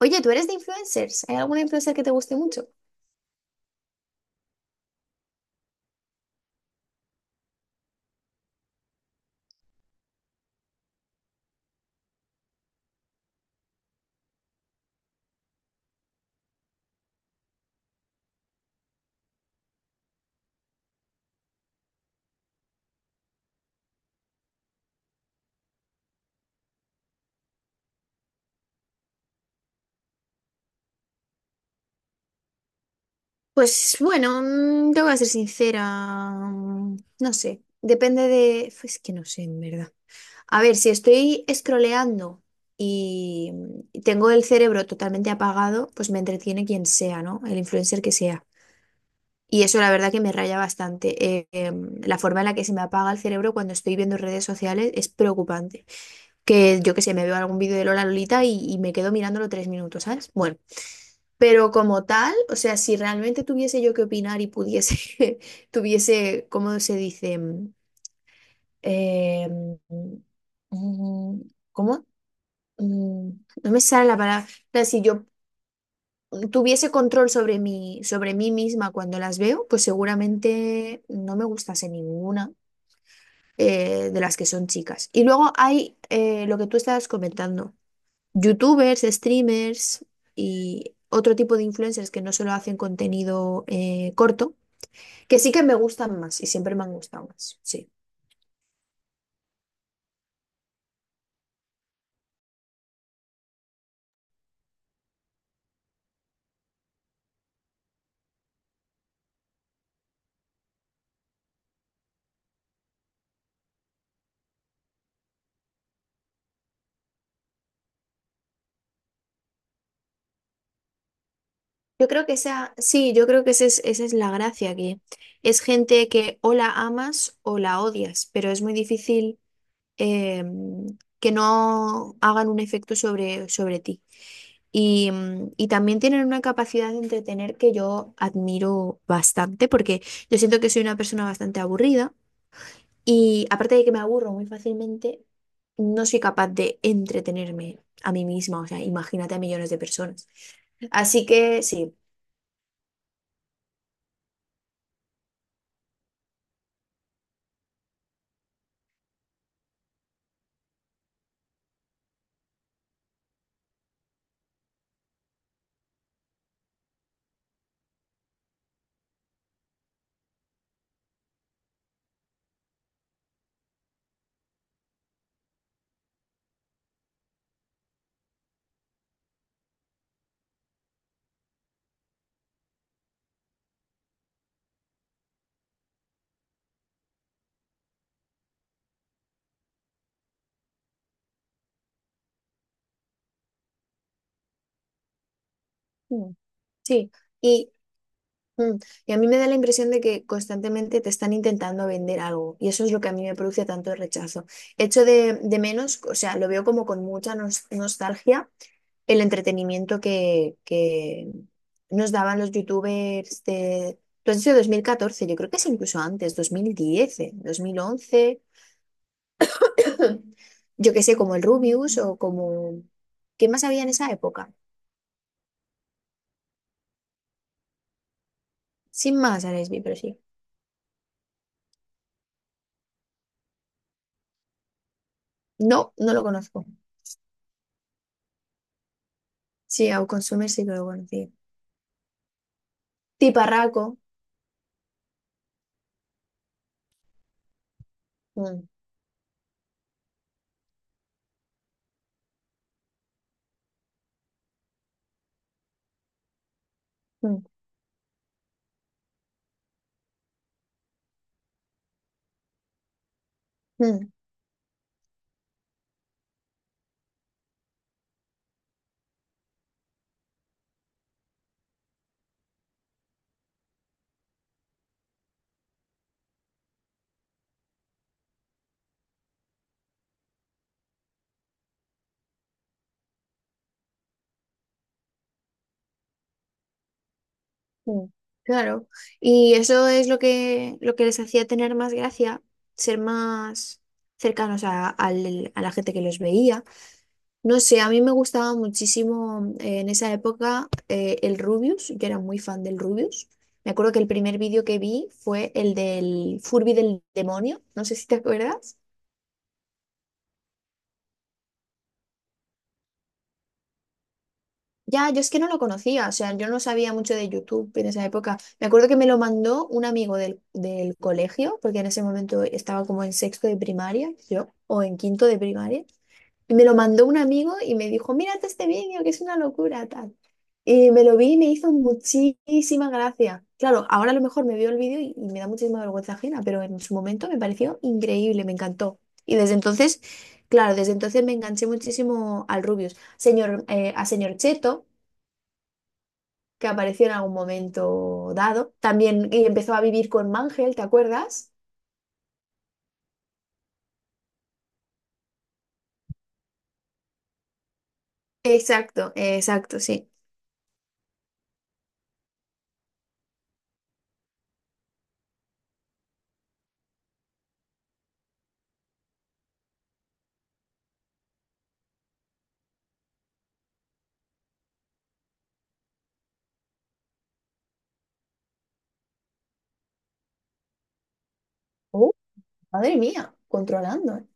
Oye, ¿tú eres de influencers? ¿Hay alguna influencer que te guste mucho? Pues bueno, te voy ser sincera, no sé, depende de... Es que no sé, en verdad. A ver, si estoy scrolleando y tengo el cerebro totalmente apagado, pues me entretiene quien sea, ¿no? El influencer que sea. Y eso la verdad que me raya bastante. La forma en la que se me apaga el cerebro cuando estoy viendo redes sociales es preocupante. Que yo que sé, me veo algún vídeo de Lola Lolita y me quedo mirándolo 3 minutos, ¿sabes? Bueno. Pero como tal, o sea, si realmente tuviese yo que opinar y pudiese, tuviese, ¿cómo se dice? Eh, mm, ¿Cómo? Mm, No me sale la palabra. O sea, si yo tuviese control sobre mí misma cuando las veo, pues seguramente no me gustase ninguna de las que son chicas. Y luego hay lo que tú estabas comentando. YouTubers, streamers y otro tipo de influencers que no solo hacen contenido corto, que sí que me gustan más y siempre me han gustado más, sí. Yo creo que esa, sí, yo creo que esa es la gracia, que es gente que o la amas o la odias, pero es muy difícil eh, que no hagan un efecto sobre ti. Y también tienen una capacidad de entretener que yo admiro bastante, porque yo siento que soy una persona bastante aburrida. Y aparte de que me aburro muy fácilmente, no soy capaz de entretenerme a mí misma, o sea, imagínate a millones de personas. Así que sí, mm, sí. Mm. Y a mí me da la impresión de que constantemente te están intentando vender algo y eso es lo que a mí me produce tanto rechazo. Hecho de menos, o sea, lo veo como con mucha nostalgia el entretenimiento que nos daban los youtubers de... Tú has dicho 2014, yo creo que es incluso antes, 2010, 2011. Yo que sé, como el Rubius o como... ¿Qué más había en esa época? Sin más, Aresby, pero sí. No, no lo conozco. Sí, a consumir sí que lo conocí. Tiparraco. Mm, mm, mm, mm. Claro. Y eso es lo que les hacía tener más gracia, ser más cercanos a la gente que los veía. No sé, a mí me gustaba muchísimo en esa época el Rubius. Yo era muy fan del Rubius. Me acuerdo que el primer vídeo que vi fue el del Furby del demonio. No sé si te acuerdas. Ya, yo es que no lo conocía, o sea, yo no sabía mucho de YouTube en esa época. Me acuerdo que me lo mandó un amigo del colegio, porque en ese momento estaba como en sexto de primaria, yo, o en quinto de primaria, y me lo mandó un amigo y me dijo, mírate este vídeo, que es una locura, tal. Y me lo vi y me hizo muchísima gracia. Claro, ahora a lo mejor me veo el vídeo y me da muchísima vergüenza ajena, pero en su momento me pareció increíble, me encantó. Y desde entonces, claro, desde entonces me enganché muchísimo al Rubius. A señor Cheto que apareció en algún momento dado. También y empezó a vivir con Mangel, ¿te acuerdas? Exacto, exacto, sí. Oh, madre mía, controlando. ¿Eh?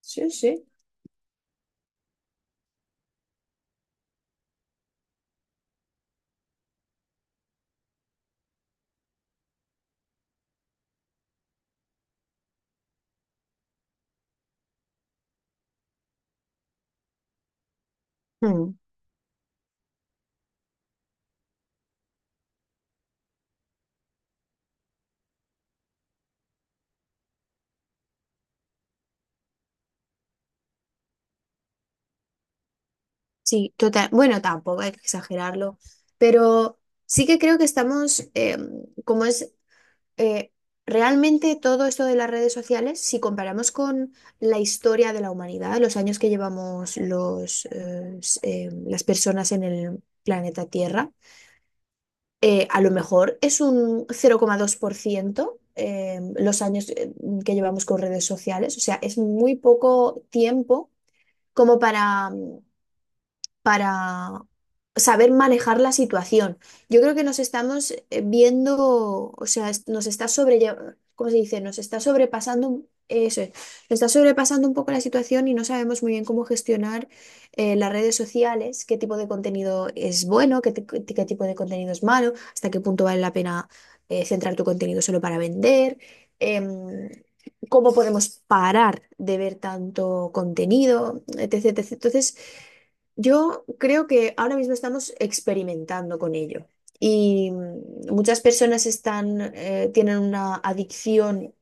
Sí, sí. Mm. Sí, total. Bueno, tampoco hay que exagerarlo, pero sí que creo que estamos, como es eh, realmente todo esto de las redes sociales, si comparamos con la historia de la humanidad, los años que llevamos las personas en el planeta Tierra, a lo mejor es un 0,2% los años que llevamos con redes sociales. O sea, es muy poco tiempo como para saber manejar la situación. Yo creo que nos estamos viendo, o sea, nos está sobrellevando, ¿cómo se dice? Nos está sobrepasando, eso es, nos está sobrepasando un poco la situación y no sabemos muy bien cómo gestionar las redes sociales, qué tipo de contenido es bueno, qué tipo de contenido es malo, hasta qué punto vale la pena centrar tu contenido solo para vender. em, Cómo podemos parar de ver tanto contenido, etc, etc. Entonces, yo creo que ahora mismo estamos experimentando con ello y muchas personas tienen una adicción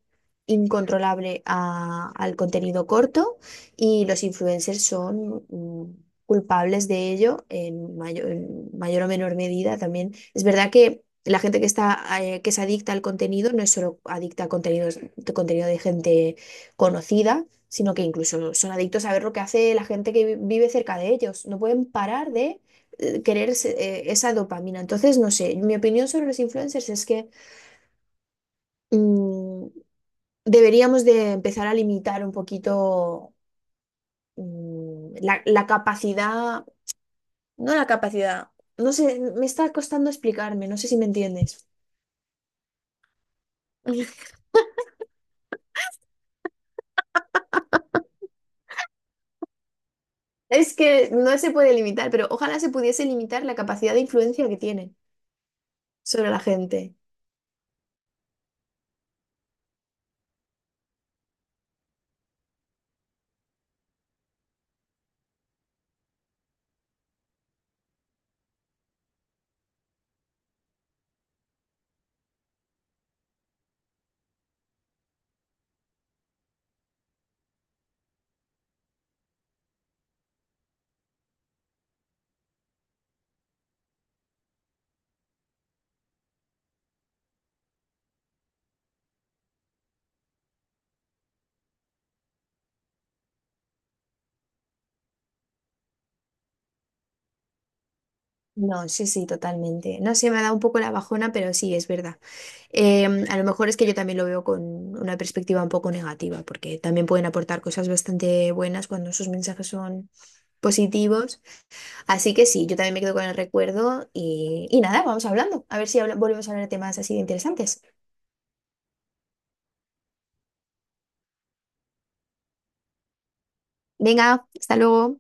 incontrolable al contenido corto y los influencers son culpables de ello en mayor o menor medida también. Es verdad que la gente que es adicta al contenido no es solo adicta a contenidos, contenido de gente conocida, sino que incluso son adictos a ver lo que hace la gente que vive cerca de ellos. No pueden parar de querer esa dopamina. Entonces, no sé, mi opinión sobre los influencers es que mm, deberíamos de empezar a limitar un poquito, la capacidad, no la capacidad, no sé, me está costando explicarme, no sé si me entiendes. Es que no se puede limitar, pero ojalá se pudiese limitar la capacidad de influencia que tienen sobre la gente. No, sí, sí, totalmente. No sé, me ha dado un poco la bajona, pero sí, es verdad. A lo mejor es que yo también lo veo con una perspectiva un poco negativa, porque también pueden aportar cosas bastante buenas cuando sus mensajes son positivos. Así que sí, yo también me quedo con el recuerdo y nada, vamos hablando. A ver si volvemos a hablar de temas así de interesantes. Venga, hasta luego.